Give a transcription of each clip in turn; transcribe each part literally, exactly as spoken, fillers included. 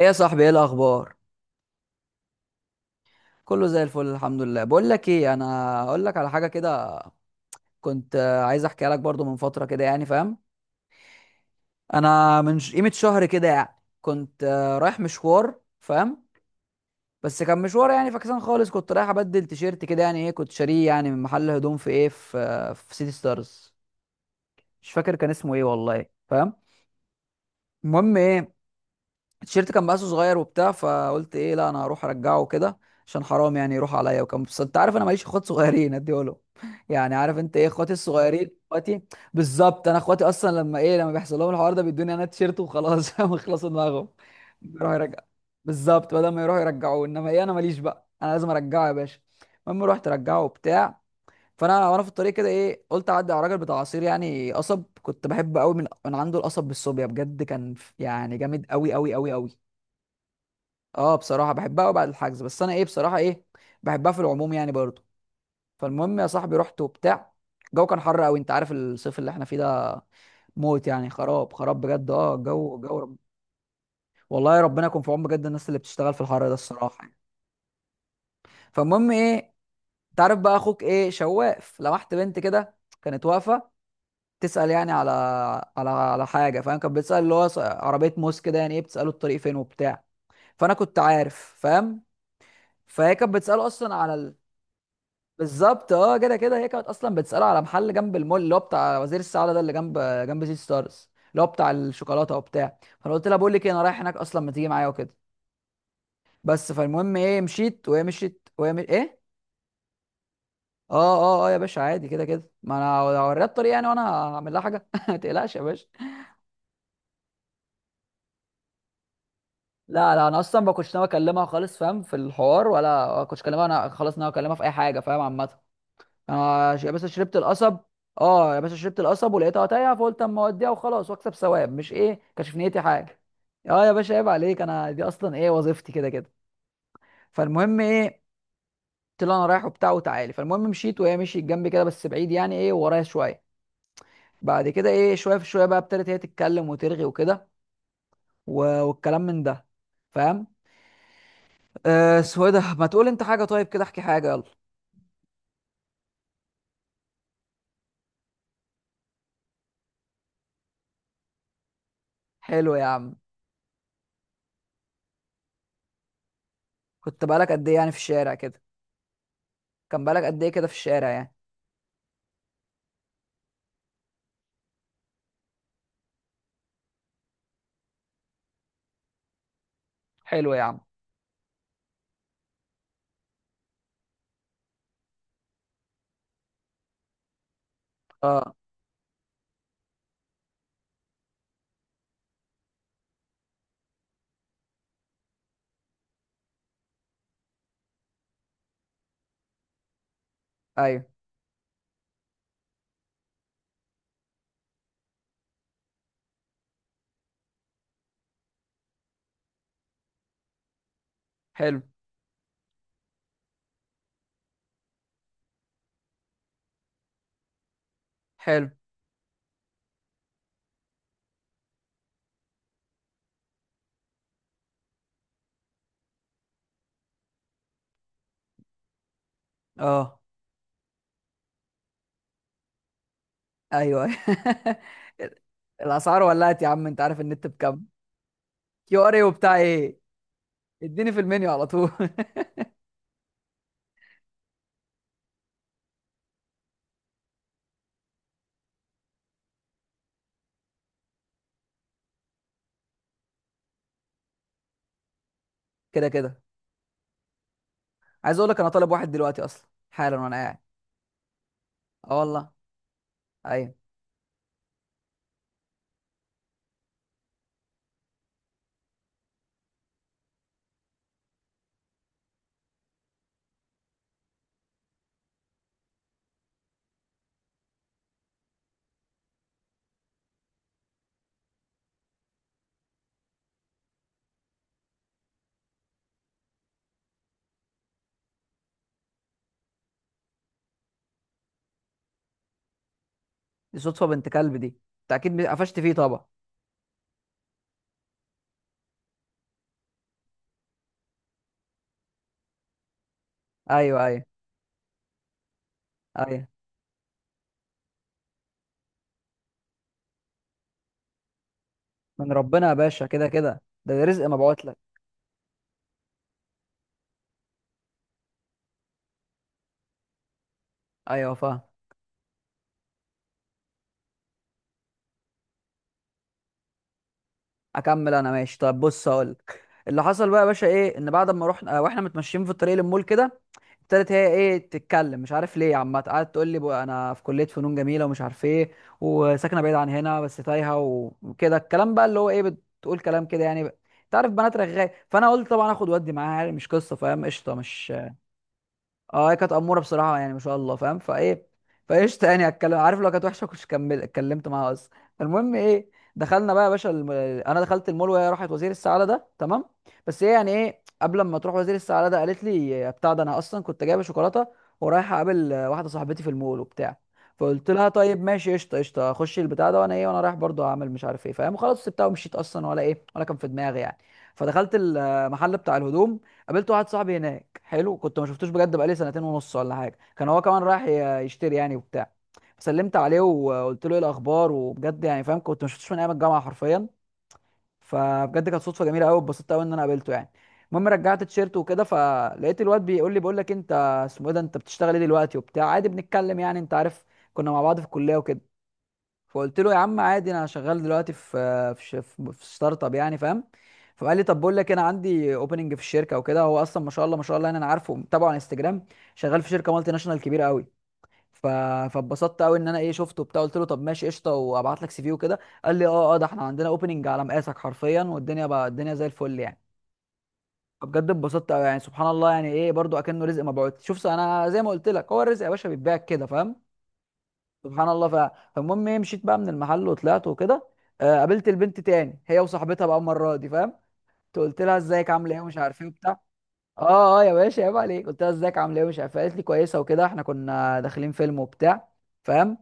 ايه يا صاحبي؟ ايه الاخبار؟ كله زي الفل الحمد لله. بقول لك ايه، انا اقول لك على حاجه كده. كنت آه، عايز احكيها لك برضو من فتره كده يعني، فاهم؟ انا من ش- قيمه شهر كده يعني. كنت آه، رايح مشوار، فاهم؟ بس كان مشوار يعني فكسان خالص. كنت رايح ابدل تيشيرت كده يعني ايه، كنت شاريه يعني من محل هدوم في ايه في آه، في سيتي ستارز. مش فاكر كان اسمه ايه والله، فاهم؟ المهم ايه، التيشيرت كان مقاسه صغير وبتاع، فقلت ايه، لا انا هروح ارجعه كده. عشان حرام يعني يروح عليا، وكان بس انت عارف انا ماليش اخوات صغيرين اديه له يعني عارف انت ايه اخواتي الصغيرين، اخواتي. بالظبط، انا اخواتي اصلا. لما ايه لما بيحصل لهم الحوار ده بيدوني انا التيشيرت وخلاص فاهم؟ يخلصوا دماغهم. يروحوا يرجع. بالظبط، بدل ما يروحوا يرجعوه انما ايه، انا ماليش بقى، انا لازم ارجعه يا باشا. المهم رحت ارجعه وبتاع. فانا وانا في الطريق كده ايه، قلت اعدي على راجل بتاع عصير يعني قصب. كنت بحب قوي من من عنده القصب بالصوبيا، بجد كان ف- يعني جامد قوي قوي قوي قوي. اه بصراحه بحبها قوي بعد الحجز، بس انا ايه بصراحه ايه. بحبها في العموم يعني برضه. فالمهم يا صاحبي رحت وبتاع. الجو كان حر قوي، انت عارف الصيف اللي احنا فيه ده. موت يعني خراب خراب بجد، اه الجو الجو رب. والله ربنا يكون في عون بجد، الناس اللي بتشتغل في الحر ده، الصراحه يعني. فالمهم ايه، انت عارف بقى اخوك ايه، شواف. لمحت بنت كده، كانت واقفه، تسال يعني على على على حاجه، فاهم؟ كانت بتسال اللي هو عربيه موس كده يعني ايه، بتساله الطريق فين وبتاع. فانا كنت عارف، فاهم؟ فهي كانت بتساله اصلا على ال. بالظبط، اه كده كده هي كانت اصلا بتساله على محل جنب المول، اللي هو بتاع وزير السعاده ده، اللي جنب جنب سيتي ستارز، اللي هو بتاع الشوكولاته وبتاع. فانا قلت لها بقول لك إيه، انا رايح هناك اصلا، ما تيجي معايا وكده. بس فالمهم ايه، مشيت وهي مشيت وهي مش... ايه. اه اه اه يا باشا عادي، كده كده ما انا هوريها الطريق يعني، وانا هعمل لها حاجه ما تقلقش يا باشا. لا لا، انا اصلا ما كنتش ناوي اكلمها خالص، فاهم؟ في الحوار ولا كنتش اكلمها. انا خلاص ناوي اكلمها في اي حاجه، فاهم؟ عامه. آه يا باشا، شربت القصب. اه يا باشا، شربت القصب ولقيتها تايهه فقلت اما اوديها وخلاص واكسب ثواب، مش ايه كشف نيتي حاجه. اه يا باشا عيب عليك، انا دي اصلا ايه، وظيفتي كده كده. فالمهم ايه، قلت له انا رايح وبتاع وتعالي. فالمهم مشيت وهي مشيت جنبي كده، بس بعيد يعني ايه ورايا شويه. بعد كده ايه شويه في شويه بقى، ابتدت هي تتكلم وترغي وكده. و- والكلام من ده، فاهم؟ آه اسمه إيه ده؟ ما تقول انت حاجه طيب كده، احكي حاجه يلا. حلو يا عم. كنت بقالك قد ايه يعني في الشارع كده؟ كان بقالك قد ايه كده في الشارع يعني؟ حلو يا عم. اه ايوه حلو حلو. اه ايوه أيوة. الاسعار ولعت يا عم، انت عارف النت بكام؟ كيو ار اي وبتاع ايه، اديني في المنيو على طول كده كده. عايز اقول لك انا طالب واحد دلوقتي اصلا حالا وانا قاعد. اه والله. ايوه. دي صدفه بنت كلب دي. انت اكيد قفشت فيه طبعا. ايوه ايوه ايوه. من ربنا يا باشا، كده كده ده رزق مبعوت لك. ايوه فاهم. اكمل، انا ماشي. طب بص اقول لك. اللي حصل بقى يا باشا ايه، ان بعد ما رحنا آه، واحنا متمشيين في الطريق للمول كده. ابتدت هي ايه تتكلم، مش عارف ليه، عم قعدت تقول لي بقى انا في كليه فنون جميله ومش عارف ايه. وساكنه بعيد عن هنا بس تايهه. وكده الكلام بقى اللي هو ايه، بتقول كلام كده يعني ب- انت عارف بنات رغاية، فانا قلت طبعا اخد ودي معاها يعني، مش قصه فاهم، قشطه مش. اه هي كانت اموره بصراحه يعني، ما شاء الله، فاهم؟ فايه. فايش يعني، اتكلم عارف لو كانت وحشه كنتش كمل اتكلمت معاها اصلا. المهم ايه، دخلنا بقى يا باشا الم. انا دخلت المول وهي راحت وزير السعاده ده تمام. بس هي يعني ايه، قبل ما تروح وزير السعاده ده قالت لي بتاع، ده انا اصلا كنت جايبه شوكولاته ورايح اقابل واحده صاحبتي في المول وبتاع. فقلت لها طيب، ماشي قشطه قشطه اخش البتاع ده، وانا ايه وانا رايح برضو اعمل مش عارف ايه، فاهم؟ وخلاص سبتها ومشيت اصلا، ولا ايه ولا كان في دماغي يعني. فدخلت المحل بتاع الهدوم. قابلت واحد صاحبي هناك حلو، كنت ما شفتوش بجد بقالي سنتين ونص ولا حاجه. كان هو كمان رايح ي- يشتري يعني وبتاع. فسلمت عليه وقلت له ايه الاخبار، وبجد يعني، فاهم؟ كنت ما شفتوش من ايام الجامعه حرفيا. فبجد كانت صدفه جميله قوي، اتبسطت قوي ان انا قابلته يعني. المهم رجعت تيشيرت وكده، فلقيت الواد بيقول لي بقول لك انت اسمه ايه ده، انت بتشتغل ايه دلوقتي وبتاع، عادي بنتكلم يعني انت عارف. كنا مع بعض في الكليه وكده. فقلت له يا عم عادي، انا شغال دلوقتي في في ش- في ستارت اب يعني، فاهم؟ فقال لي طب بقول لك انا عندي اوبننج في الشركه وكده. هو اصلا ما شاء الله ما شاء الله يعني، انا عارفه متابعه على انستجرام. شغال في شركه مالتي ناشونال كبيره قوي. ف. فاتبسطت قوي ان انا ايه شفته وبتاع، قلت له طب ماشي قشطه وابعت لك سي في وكده. قال لي اه اه، ده احنا عندنا اوبننج على مقاسك حرفيا، والدنيا بقى الدنيا زي الفل يعني. بجد اتبسطت قوي يعني، سبحان الله يعني ايه، برضو اكنه رزق مبعوث. شوف انا زي ما قلت لك، هو الرزق يا باشا بيتباع كده، فاهم؟ سبحان الله. ف... فالمهم ايه، مشيت بقى من المحل وطلعت وكده. آه قابلت البنت تاني هي وصاحبتها بقى المره دي، فاهم؟ قلت لها ازيك عامله ايه ومش عارف ايه وبتاع. اه اه يا باشا عيب عليك، قلت لها ازيك عامله ايه ومش عارف إيه. قالت لي كويسه وكده، احنا كنا داخلين فيلم وبتاع، فاهم؟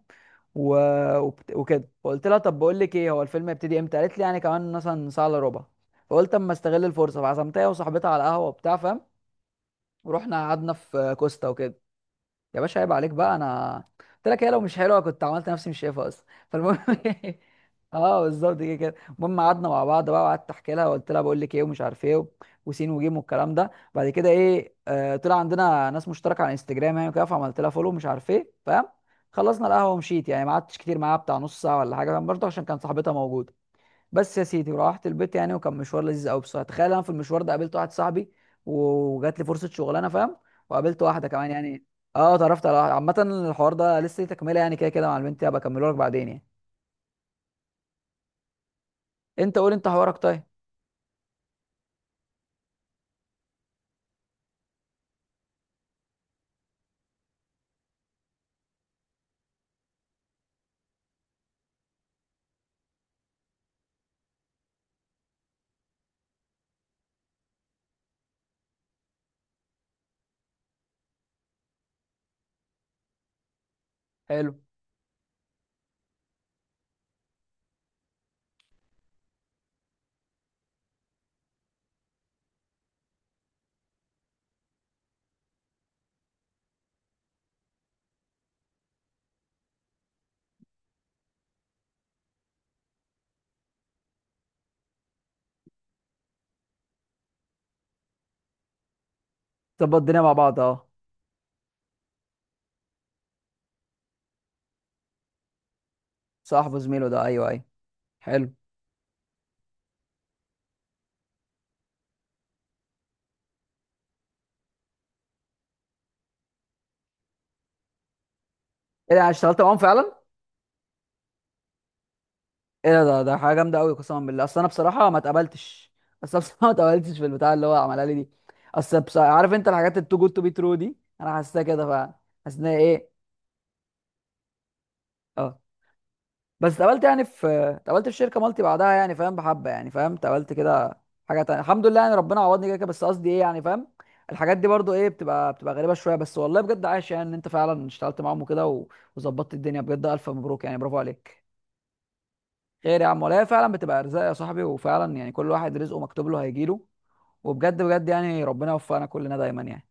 و. وبت... وكده فقلت لها طب بقول لك ايه، هو الفيلم هيبتدي امتى؟ قالت لي يعني كمان مثلا ساعه الا ربع. فقلت اما استغل الفرصه، فعزمتها هي وصاحبتها على قهوه وبتاع، فاهم؟ ورحنا قعدنا في كوستا وكده. يا باشا عيب عليك بقى، انا قلت لك هي لو مش حلوه كنت عملت نفسي مش شايفها اصلا، فالمهم اه بالظبط، كده كده المهم قعدنا مع بعض بقى، وقعدت احكي لها وقلت لها بقول لك ايه ومش عارف ايه و- وسين وجيم والكلام ده، بعد كده ايه آه طلع عندنا ناس مشتركه على انستجرام يعني وكده، فعملت لها فولو مش عارف ايه، فاهم؟ خلصنا القهوه ومشيت يعني، ما قعدتش كتير معاها بتاع، نص ساعه ولا حاجه، فاهم؟ برضه عشان كان صاحبتها موجوده. بس يا سيدي، وروحت البيت يعني، وكان مشوار لذيذ قوي بصراحه. تخيل انا في المشوار ده قابلت واحد صاحبي، وجات لي فرصه شغلانه، فاهم؟ وقابلت واحده كمان يعني. اه اتعرفت على واحده عامه. الحوار ده لسه ليه تكمله يعني، كده كده مع البنت هبقى اكمله لك بعدين يعني. انت قول انت حوارك، طيب. حلو. ظبط الدنيا مع بعض اه. صاحبه زميله ده، ايوه ايوه. حلو. ايه ده؟ أنا اشتغلت معاهم فعلا؟ ايه ده ده ده حاجه جامده قوي، قسما بالله اصل انا بصراحه ما اتقبلتش. اصل أنا بصراحه ما اتقبلتش في البتاع اللي هو عملها لي دي. اصل بصراحة عارف انت، الحاجات التو جود تو بي ترو دي انا حاسسها كده فعلا. حاسس ان هي ايه. اه بس اتقابلت يعني في. اتقابلت في شركه مالتي بعدها يعني، فاهم؟ بحبه يعني، فاهم؟ اتقابلت كده. حاجه تانية الحمد لله يعني، ربنا عوضني كده كده، بس قصدي ايه يعني، فاهم؟ الحاجات دي برضو ايه، بتبقى بتبقى غريبه شويه، بس والله بجد عايش يعني ان انت فعلا اشتغلت معاهم وكده و- وظبطت الدنيا، بجد الف مبروك يعني، برافو عليك. خير يا عم، ولا هي فعلا بتبقى ارزاق يا صاحبي، وفعلا يعني كل واحد رزقه مكتوب له هيجيله. وبجد بجد يعني، ربنا يوفقنا كلنا دايما يعني.